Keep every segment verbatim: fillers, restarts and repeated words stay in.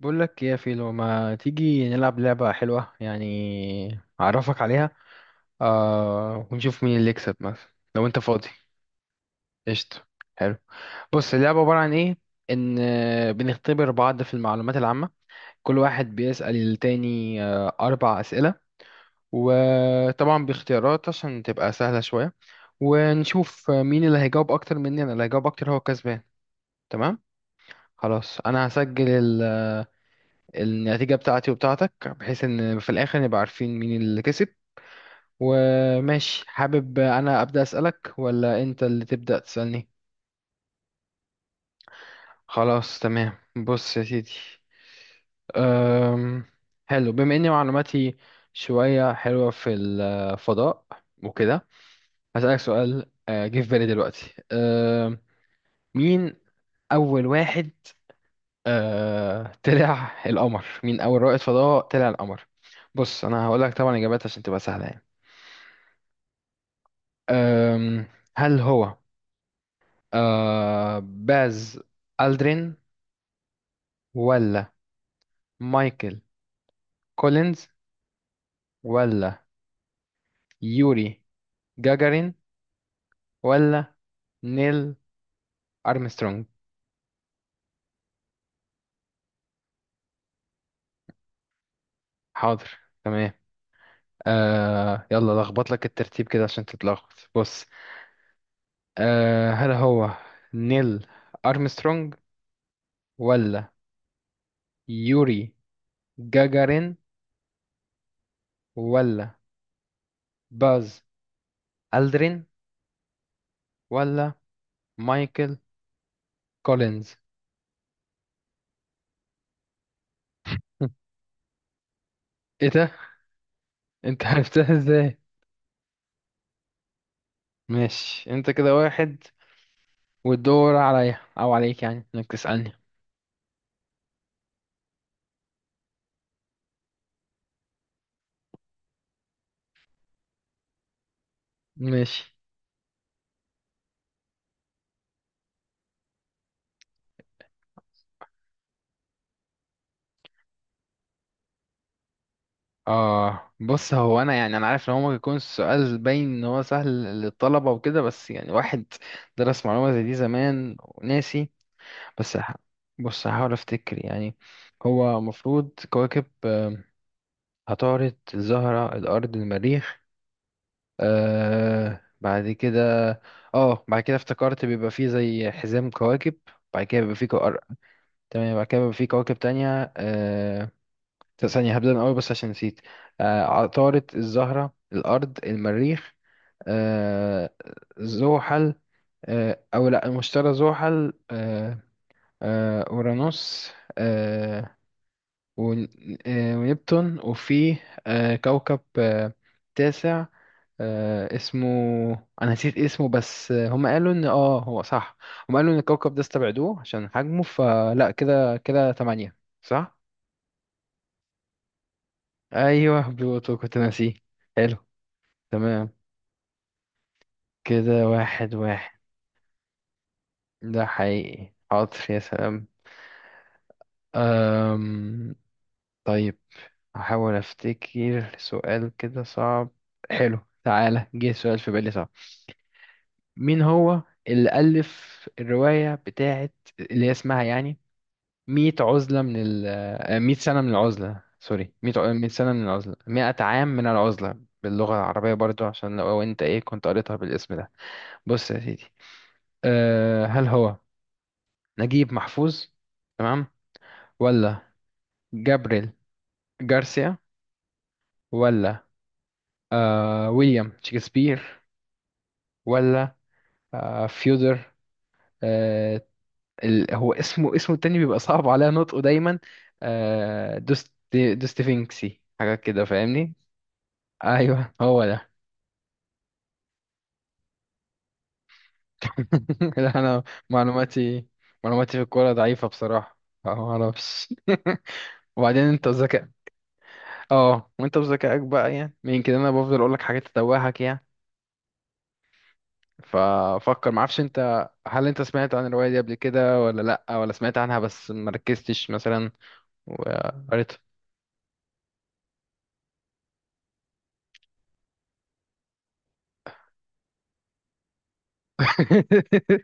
بقول لك يا فيلو ما تيجي نلعب لعبة حلوة يعني أعرفك عليها. آه ونشوف مين اللي يكسب مثلا لو أنت فاضي. قشطة. حلو. بص اللعبة عبارة عن إيه؟ إن آه، بنختبر بعض في المعلومات العامة. كل واحد بيسأل التاني آه أربع أسئلة، وطبعا باختيارات عشان تبقى سهلة شوية، ونشوف مين اللي هيجاوب أكتر. مني أنا اللي هيجاوب أكتر هو كسبان، تمام. خلاص أنا هسجل النتيجة بتاعتي وبتاعتك بحيث ان في الاخر نبقى عارفين مين اللي كسب. وماشي حابب انا ابدأ اسألك ولا انت اللي تبدأ تسألني؟ خلاص تمام. بص يا سيدي. أم... حلو بما اني معلوماتي شوية حلوة في الفضاء وكده. هسألك سؤال، آه، جه في بالي دلوقتي. أم... مين اول واحد آه... طلع القمر مين اول رائد فضاء طلع القمر؟ بص انا هقول لك طبعا اجابات عشان تبقى سهلة يعني. أم، هل هو أه باز ألدرين، ولا مايكل كولينز، ولا يوري جاجارين، ولا نيل أرمسترونج؟ حاضر. تمام. أه يلا لخبط لك الترتيب كده عشان تتلخبط. بص، أه هل هو نيل أرمسترونج، ولا يوري جاجارين، ولا باز ألدرين، ولا مايكل كولينز؟ ايه ده، انت عرفتها ازاي؟ ماشي انت كده واحد. والدور عليا او عليك يعني انك تسألني. ماشي. اه بص هو انا يعني انا عارف ان هو ممكن يكون السؤال باين ان هو سهل للطلبة وكده، بس يعني واحد درس معلومة زي دي زمان وناسي. بس ه- بص هحاول افتكر يعني. هو المفروض كواكب، آه، عطارد الزهرة الارض المريخ، آه بعد كده، اه بعد كده افتكرت بيبقى فيه زي حزام كواكب. بعد كده بيبقى فيه. تمام بعد كده بيبقى في كواكب تانية. آه... ثانية هبدأ من الأول بس عشان نسيت. آه... عطارد الزهرة الأرض المريخ، آه... زحل، آه... أو لأ المشتري زحل، آه... آه... أورانوس، آه... ون... آه... ونبتون، وفي آه... كوكب آه... تاسع، آه... اسمه. أنا نسيت اسمه بس آه، هم قالوا إن آه هو صح. هم قالوا إن الكوكب ده استبعدوه عشان حجمه فلأ كده كده تمانية، صح؟ ايوه بلوتو كنت ناسيه. حلو. تمام. كده واحد واحد. ده حقيقي حاضر يا سلام. أم... طيب هحاول افتكر سؤال كده صعب. حلو. تعالى جه سؤال في بالي صعب. مين هو اللي ألف الرواية بتاعت اللي هي اسمها يعني مئة عزلة من ال مئة سنة من العزلة، سوري، مئة ع- مئة سنة من العزلة، مئة عام من العزلة باللغة العربية برضو عشان لو انت ايه كنت قريتها بالاسم ده؟ بص يا سيدي. أه هل هو نجيب محفوظ، تمام، ولا جابريل جارسيا، ولا أه ويليام شكسبير، ولا أه فيودر أه ال هو اسمه اسمه التاني بيبقى صعب عليا نطقه دايما، أه دوست دوستيفينكسي حاجة كده فاهمني؟ ايوه هو ده. لا انا معلوماتي معلوماتي في الكورة ضعيفة بصراحة. ما اعرفش وبعدين انت ذكاء. اه وانت بذكائك بقى يعني يمكن انا بفضل اقولك حاجات تتوهك يعني. ففكر معرفش انت هل انت سمعت عن الرواية دي قبل كده، ولا لأ ولا سمعت عنها بس مركزتش مثلا وقريتها؟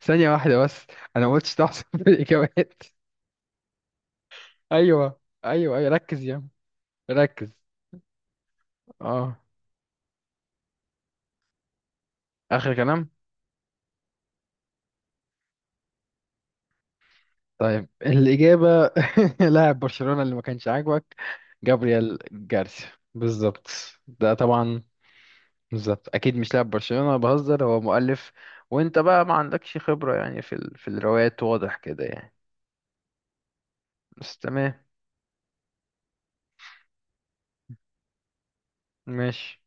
ثانية واحدة بس. انا ما قلتش تحسب في الاجابات. ايوه، ايوه، ايوه، ركز يا عم. ركز. اه. اخر كلام. طيب الإجابة لاعب برشلونة اللي ما كانش عاجبك، جابرييل جارسيا. بالظبط. ده طبعا بالظبط اكيد مش لاعب برشلونة، بهزر، هو مؤلف. وانت بقى ما عندكش خبرة يعني في ال... في الروايات، واضح كده يعني. بس تمام. ماشي.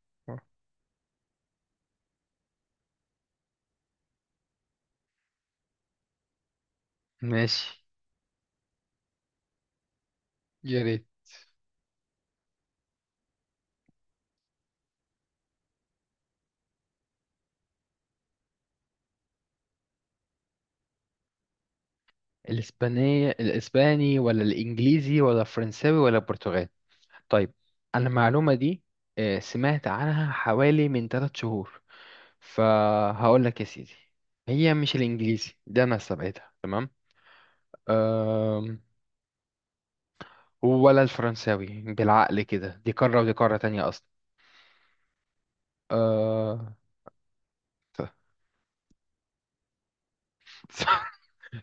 ماشي. يا ريت. الاسبانية الاسباني، ولا الانجليزي، ولا الفرنساوي، ولا البرتغالي؟ طيب. انا المعلومة دي، آه، سمعت عنها حوالي من ثلاث شهور. فهقول لك يا سيدي، هي مش الانجليزي، ده انا سبقتها تمام. أم... ولا الفرنساوي، بالعقل كده دي قارة ودي قارة تانية. آه... صح،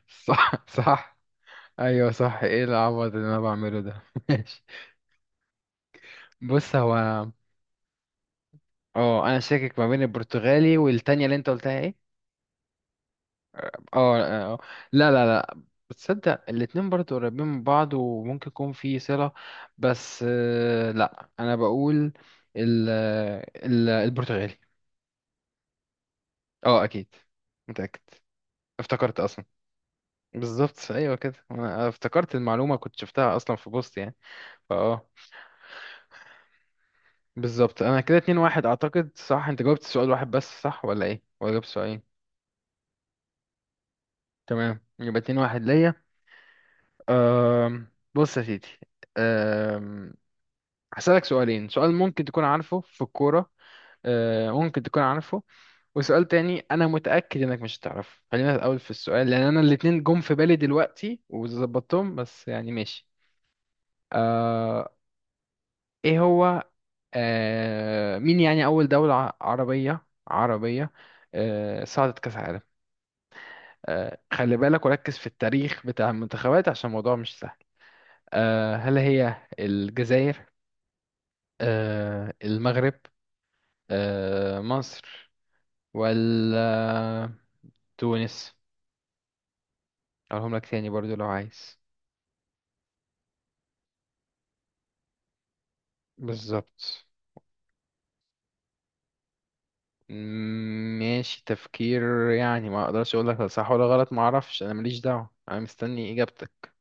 صح، صح، ايوه صح، ايه العبط اللي انا بعمله ده؟ ماشي. بص هو اه انا شاكك ما بين البرتغالي والتانية اللي انت قلتها ايه. اه آه، آه. لا لا لا. بتصدق الاتنين برضو قريبين من بعض وممكن يكون في صلة، بس آه، لا انا بقول ال ال البرتغالي. اه اكيد، متأكد، افتكرت اصلا. بالظبط، ايوه كده، انا افتكرت المعلومة كنت شفتها اصلا في بوست يعني فاه. بالظبط انا كده اتنين واحد، اعتقد صح، انت جاوبت السؤال واحد بس صح ولا ايه، ولا جاوبت سؤالين؟ تمام يبقى اتنين واحد ليا. أم... بص يا سيدي. أم... هسألك سؤالين، سؤال ممكن تكون عارفه في الكورة، أه، ممكن تكون عارفه، وسؤال تاني انا متأكد انك مش هتعرفه، خلينا الاول في السؤال لان انا الاتنين جم في بالي دلوقتي وظبطتهم بس يعني ماشي. أه... ايه هو؟ أه... مين يعني اول دولة ع- عربية عربية أه... صعدت كأس عالم؟ آه، خلي بالك وركز في التاريخ بتاع المنتخبات عشان الموضوع مش سهل. آه، هل هي الجزائر، آه، المغرب، آه، مصر، ولا تونس؟ اقولهم لك تاني برضو لو عايز. بالظبط. مم، ماشي تفكير يعني، ما اقدرش اقول لك صح ولا غلط، ما اعرفش، انا ماليش دعوة، انا مستني اجابتك.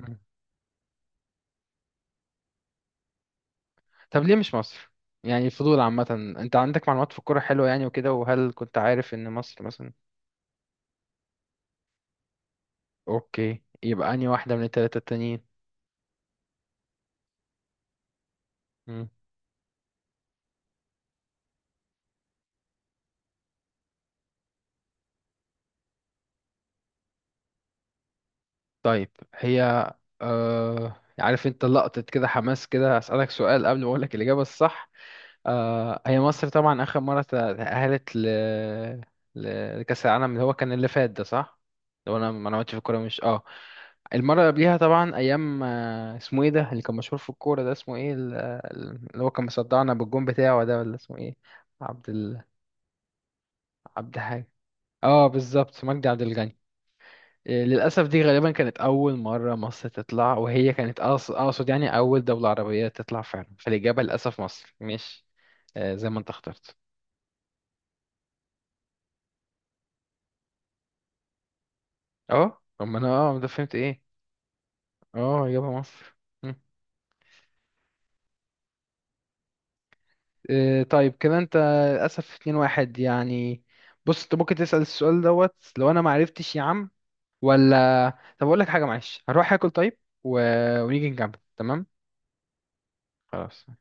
مم. طب ليه مش مصر؟ يعني الفضول عامة، انت عندك معلومات في الكورة حلوة يعني وكده، وهل كنت عارف ان مصر مثلا؟ اوكي يبقى انهي واحدة من التلاتة التانيين؟ مم. طيب هي آه... عارف انت لقطة كده حماس كده، هسألك سؤال قبل ما اقولك الإجابة الصح. آه... هي مصر طبعا آخر مرة تأهلت ل... ل- لكأس العالم اللي هو كان اللي فات ده، صح؟ لو انا ما عملتش في الكورة مش اه المرة اللي قبليها طبعا أيام، آه، اسمه ايه ده اللي كان مشهور في الكورة، ده اسمه ايه، ال- اللي هو كان مصدعنا بالجون بتاعه ده، ولا اسمه ايه؟ عبد ال... عبد حاجة. اه بالظبط، مجدي عبد الغني. إيه، للأسف دي غالبا كانت أول مرة مصر تطلع، وهي كانت أقص- أقصد يعني أول دولة عربية تطلع فعلا، فالإجابة للأسف مصر مش آه، زي ما أنت اخترت. أه أما أنا أه ده فهمت إيه. أه إجابة مصر. مم. إيه، طيب كده أنت للأسف اتنين واحد يعني. بص أنت ممكن تسأل السؤال دوت لو أنا معرفتش يا عم، ولا طب أقول لك حاجة معلش هروح آكل طيب و... ونيجي نكمل، تمام. خلاص.